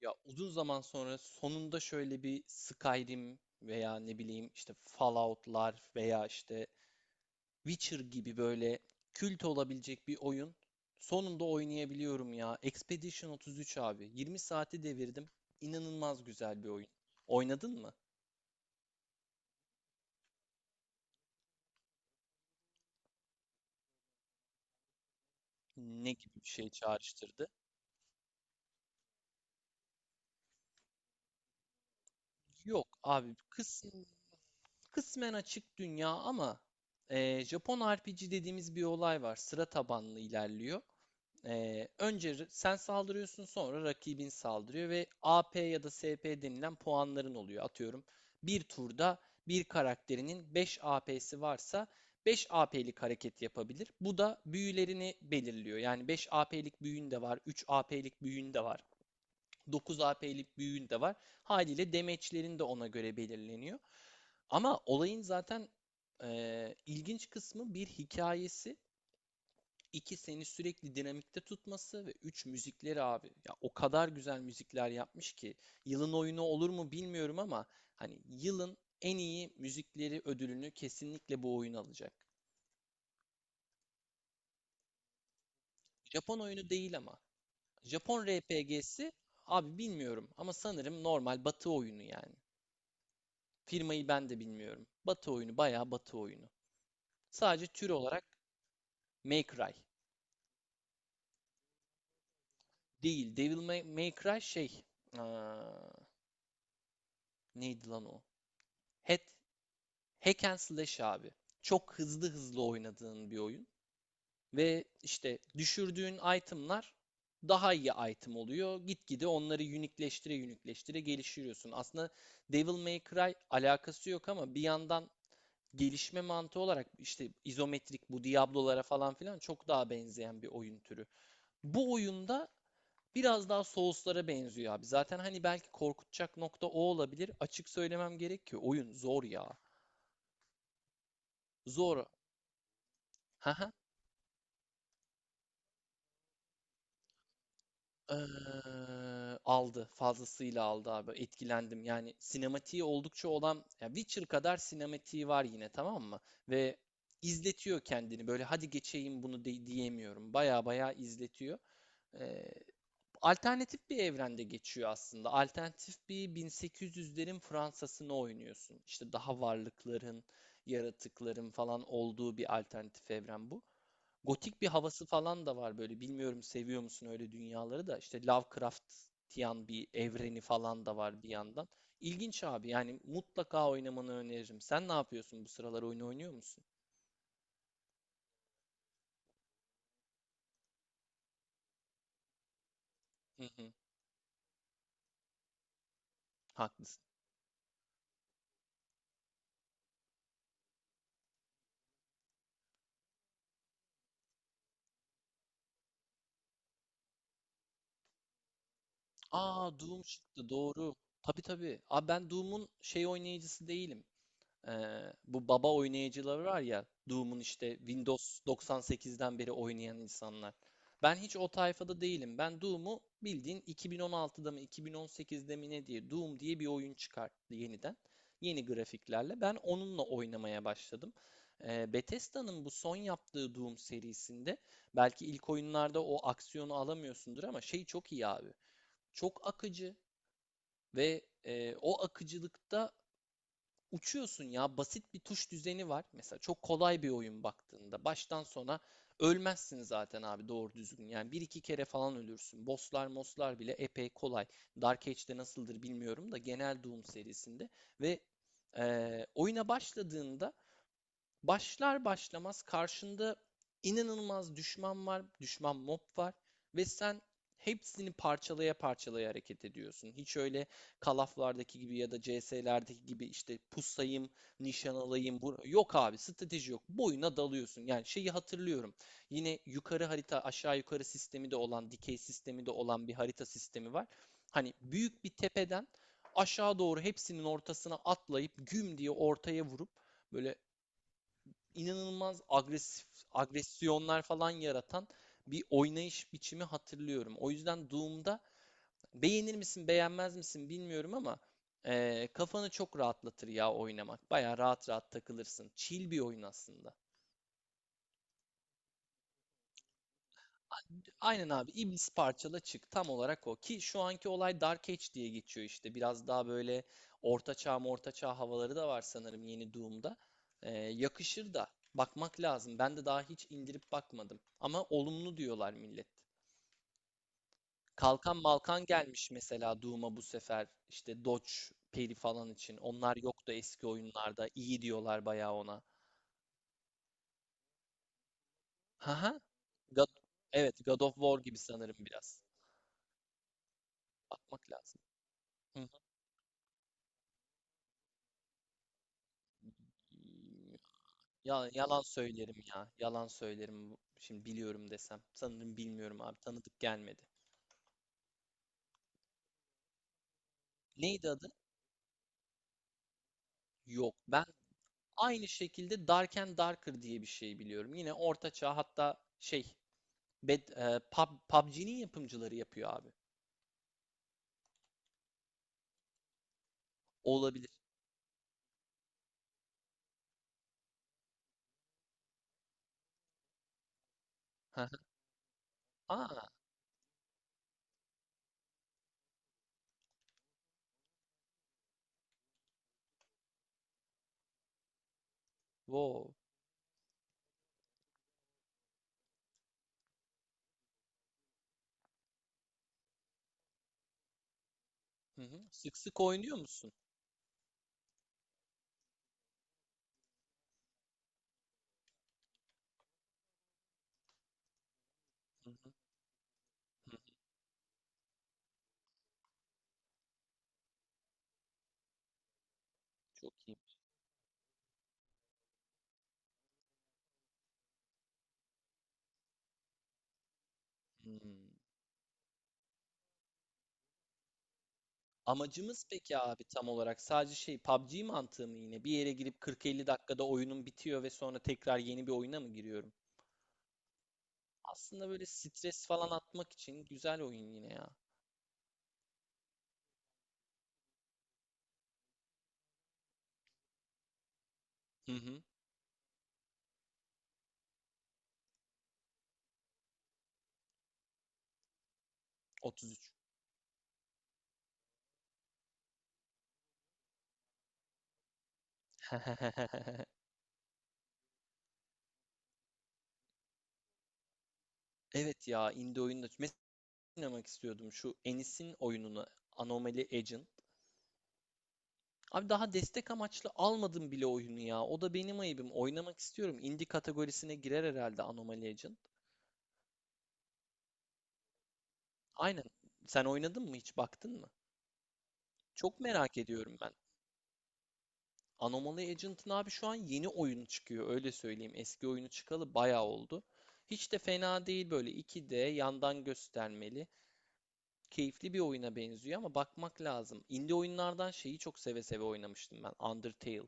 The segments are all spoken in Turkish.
Ya uzun zaman sonra sonunda şöyle bir Skyrim veya ne bileyim işte Fallout'lar veya işte Witcher gibi böyle kült olabilecek bir oyun sonunda oynayabiliyorum ya. Expedition 33 abi. 20 saati devirdim. İnanılmaz güzel bir oyun. Oynadın mı? Ne gibi bir şey çağrıştırdı? Yok abi kısmen, kısmen açık dünya ama Japon RPG dediğimiz bir olay var. Sıra tabanlı ilerliyor. Önce sen saldırıyorsun sonra rakibin saldırıyor ve AP ya da SP denilen puanların oluyor. Atıyorum bir turda bir karakterinin 5 AP'si varsa 5 AP'lik hareket yapabilir. Bu da büyülerini belirliyor. Yani 5 AP'lik büyün de var, 3 AP'lik büyün de var, 9 AP'lik büyün de var. Haliyle damage'lerin de ona göre belirleniyor. Ama olayın zaten ilginç kısmı bir hikayesi 2 seni sürekli dinamikte tutması ve 3 müzikleri abi. Ya o kadar güzel müzikler yapmış ki yılın oyunu olur mu bilmiyorum ama hani yılın en iyi müzikleri ödülünü kesinlikle bu oyun alacak. Japon oyunu değil ama. Japon RPG'si abi bilmiyorum ama sanırım normal batı oyunu yani. Firmayı ben de bilmiyorum. Batı oyunu bayağı batı oyunu. Sadece tür olarak May Cry değil. Devil May, May Cry şey. Aa, neydi lan o? Hat Hack and slash abi. Çok hızlı hızlı oynadığın bir oyun. Ve işte düşürdüğün itemlar daha iyi item oluyor. Gitgide onları unikleştire unikleştire geliştiriyorsun. Aslında Devil May Cry alakası yok ama bir yandan gelişme mantığı olarak işte izometrik bu Diablo'lara falan filan çok daha benzeyen bir oyun türü. Bu oyunda biraz daha Souls'lara benziyor abi. Zaten hani belki korkutacak nokta o olabilir. Açık söylemem gerek ki oyun zor ya. Zor. Aldı. Fazlasıyla aldı abi. Etkilendim. Yani sinematiği oldukça olan ya Witcher kadar sinematiği var yine tamam mı? Ve izletiyor kendini. Böyle hadi geçeyim bunu diyemiyorum. Baya baya izletiyor. Eee, alternatif bir evrende geçiyor aslında. Alternatif bir 1800'lerin Fransa'sını oynuyorsun. İşte daha varlıkların, yaratıkların falan olduğu bir alternatif evren bu. Gotik bir havası falan da var böyle. Bilmiyorum seviyor musun öyle dünyaları da. İşte Lovecraftian bir evreni falan da var bir yandan. İlginç abi. Yani mutlaka oynamanı öneririm. Sen ne yapıyorsun bu sıralar oyun oynuyor musun? Hı hı. Haklısın. Aa, Doom çıktı doğru. Tabii tabii. Abi ben Doom'un şey oynayıcısı değilim. Bu baba oynayıcıları var ya Doom'un işte Windows 98'den beri oynayan insanlar. Ben hiç o tayfada değilim. Ben Doom'u bildiğin 2016'da mı 2018'de mi ne diye Doom diye bir oyun çıkarttı yeniden. Yeni grafiklerle. Ben onunla oynamaya başladım. Bethesda'nın bu son yaptığı Doom serisinde belki ilk oyunlarda o aksiyonu alamıyorsundur ama şey çok iyi abi. Çok akıcı ve o akıcılıkta uçuyorsun ya. Basit bir tuş düzeni var. Mesela çok kolay bir oyun baktığında. Baştan sona ölmezsin zaten abi doğru düzgün. Yani bir iki kere falan ölürsün. Bosslar moslar bile epey kolay. Dark Age'de nasıldır bilmiyorum da genel Doom serisinde. Ve oyuna başladığında Başlar başlamaz karşında inanılmaz düşman var, düşman mob var ve sen hepsini parçalaya parçalaya hareket ediyorsun. Hiç öyle Call of'lardaki gibi ya da CS'lerdeki gibi işte pusayım, nişan alayım. Yok abi strateji yok. Boyuna dalıyorsun. Yani şeyi hatırlıyorum. Yine yukarı harita aşağı yukarı sistemi de olan, dikey sistemi de olan bir harita sistemi var. Hani büyük bir tepeden aşağı doğru hepsinin ortasına atlayıp güm diye ortaya vurup böyle inanılmaz agresif agresyonlar falan yaratan bir oynayış biçimi hatırlıyorum. O yüzden Doom'da beğenir misin beğenmez misin bilmiyorum ama kafanı çok rahatlatır ya oynamak. Baya rahat rahat takılırsın. Chill bir oyun aslında. Aynen abi. İblis parçala çık. Tam olarak o. Ki şu anki olay Dark Age diye geçiyor işte. Biraz daha böyle orta çağ orta çağ havaları da var sanırım yeni Doom'da. Yakışır da. Bakmak lazım. Ben de daha hiç indirip bakmadım. Ama olumlu diyorlar millet. Kalkan Malkan gelmiş mesela Doom'a bu sefer. İşte Dodge peri falan için. Onlar yoktu eski oyunlarda. İyi diyorlar bayağı ona. Haha. God, evet God of War gibi sanırım biraz. Bakmak lazım. Hı hı. Ya, yalan söylerim ya. Yalan söylerim. Şimdi biliyorum desem. Sanırım bilmiyorum abi. Tanıdık gelmedi. Neydi adı? Yok. Ben aynı şekilde Dark and Darker diye bir şey biliyorum. Yine orta çağ hatta şey PUBG'nin yapımcıları yapıyor abi. Olabilir. Hı hı. Aa, wow. Hı hı. Sık sık oynuyor musun? Hı hı, hı hı. Çok iyi. Hmm. Amacımız peki abi tam olarak sadece şey PUBG mantığı mı yine? Bir yere girip 40-50 dakikada oyunum bitiyor ve sonra tekrar yeni bir oyuna mı giriyorum? Aslında böyle stres falan atmak için güzel oyun yine ya. Hı hı. 33. Evet ya indie oyunda mesela oynamak istiyordum şu Enis'in oyununu Anomaly Agent. Abi daha destek amaçlı almadım bile oyunu ya. O da benim ayıbım. Oynamak istiyorum. Indie kategorisine girer herhalde Anomaly Agent. Aynen. Sen oynadın mı hiç baktın mı? Çok merak ediyorum ben. Anomaly Agent'ın abi şu an yeni oyunu çıkıyor öyle söyleyeyim. Eski oyunu çıkalı bayağı oldu. Hiç de fena değil böyle 2D yandan göstermeli. Keyifli bir oyuna benziyor ama bakmak lazım. Indie oyunlardan şeyi çok seve seve oynamıştım ben. Undertale.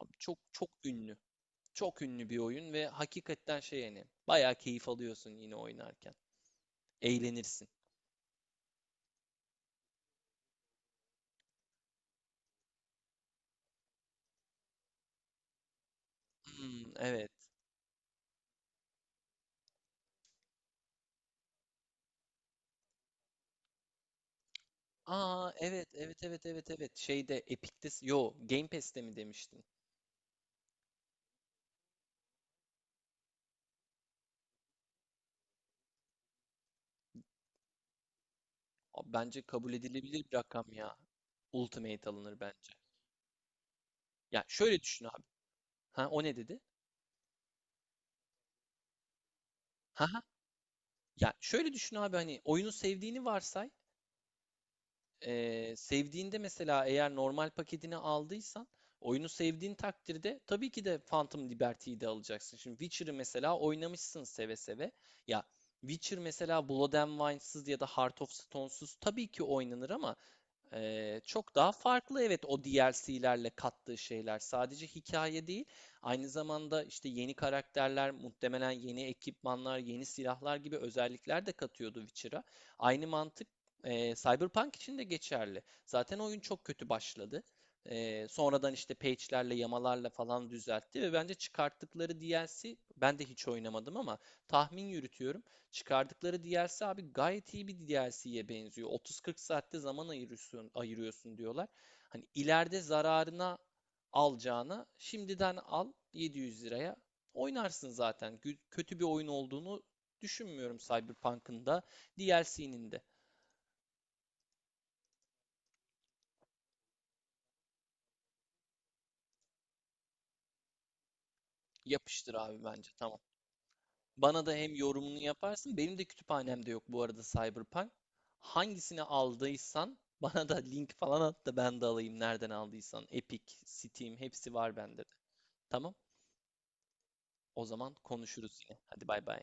Abi çok çok ünlü. Çok ünlü bir oyun ve hakikaten şey yani bayağı keyif alıyorsun yine oynarken. Eğlenirsin. Hmm, evet. Aa, evet evet evet evet evet. Şeyde Epic'te yo Game Pass'te mi demiştin? Abi bence kabul edilebilir bir rakam ya. Ultimate alınır bence. Ya şöyle düşün abi. Ha o ne dedi? Ha ha. Ya şöyle düşün abi hani oyunu sevdiğini varsay. Sevdiğinde mesela eğer normal paketini aldıysan oyunu sevdiğin takdirde tabii ki de Phantom Liberty'yi de alacaksın. Şimdi Witcher'ı mesela oynamışsın seve seve. Ya Witcher mesela Blood and Wine'sız ya da Heart of Stone'suz tabii ki oynanır ama çok daha farklı evet o DLC'lerle kattığı şeyler. Sadece hikaye değil, aynı zamanda işte yeni karakterler, muhtemelen yeni ekipmanlar, yeni silahlar gibi özellikler de katıyordu Witcher'a. Aynı mantık Cyberpunk için de geçerli. Zaten oyun çok kötü başladı. Sonradan işte patch'lerle, yamalarla falan düzeltti ve bence çıkarttıkları DLC ben de hiç oynamadım ama tahmin yürütüyorum. Çıkardıkları DLC abi gayet iyi bir DLC'ye benziyor. 30-40 saatte zaman ayırıyorsun, ayırıyorsun diyorlar. Hani ileride zararına alacağına şimdiden al 700 liraya oynarsın zaten. Kötü bir oyun olduğunu düşünmüyorum Cyberpunk'ın da DLC'nin de. Yapıştır abi bence tamam. Bana da hem yorumunu yaparsın. Benim de kütüphanemde yok bu arada Cyberpunk. Hangisini aldıysan bana da link falan at da ben de alayım nereden aldıysan. Epic, Steam hepsi var bende de. Tamam? O zaman konuşuruz yine. Hadi bay bay.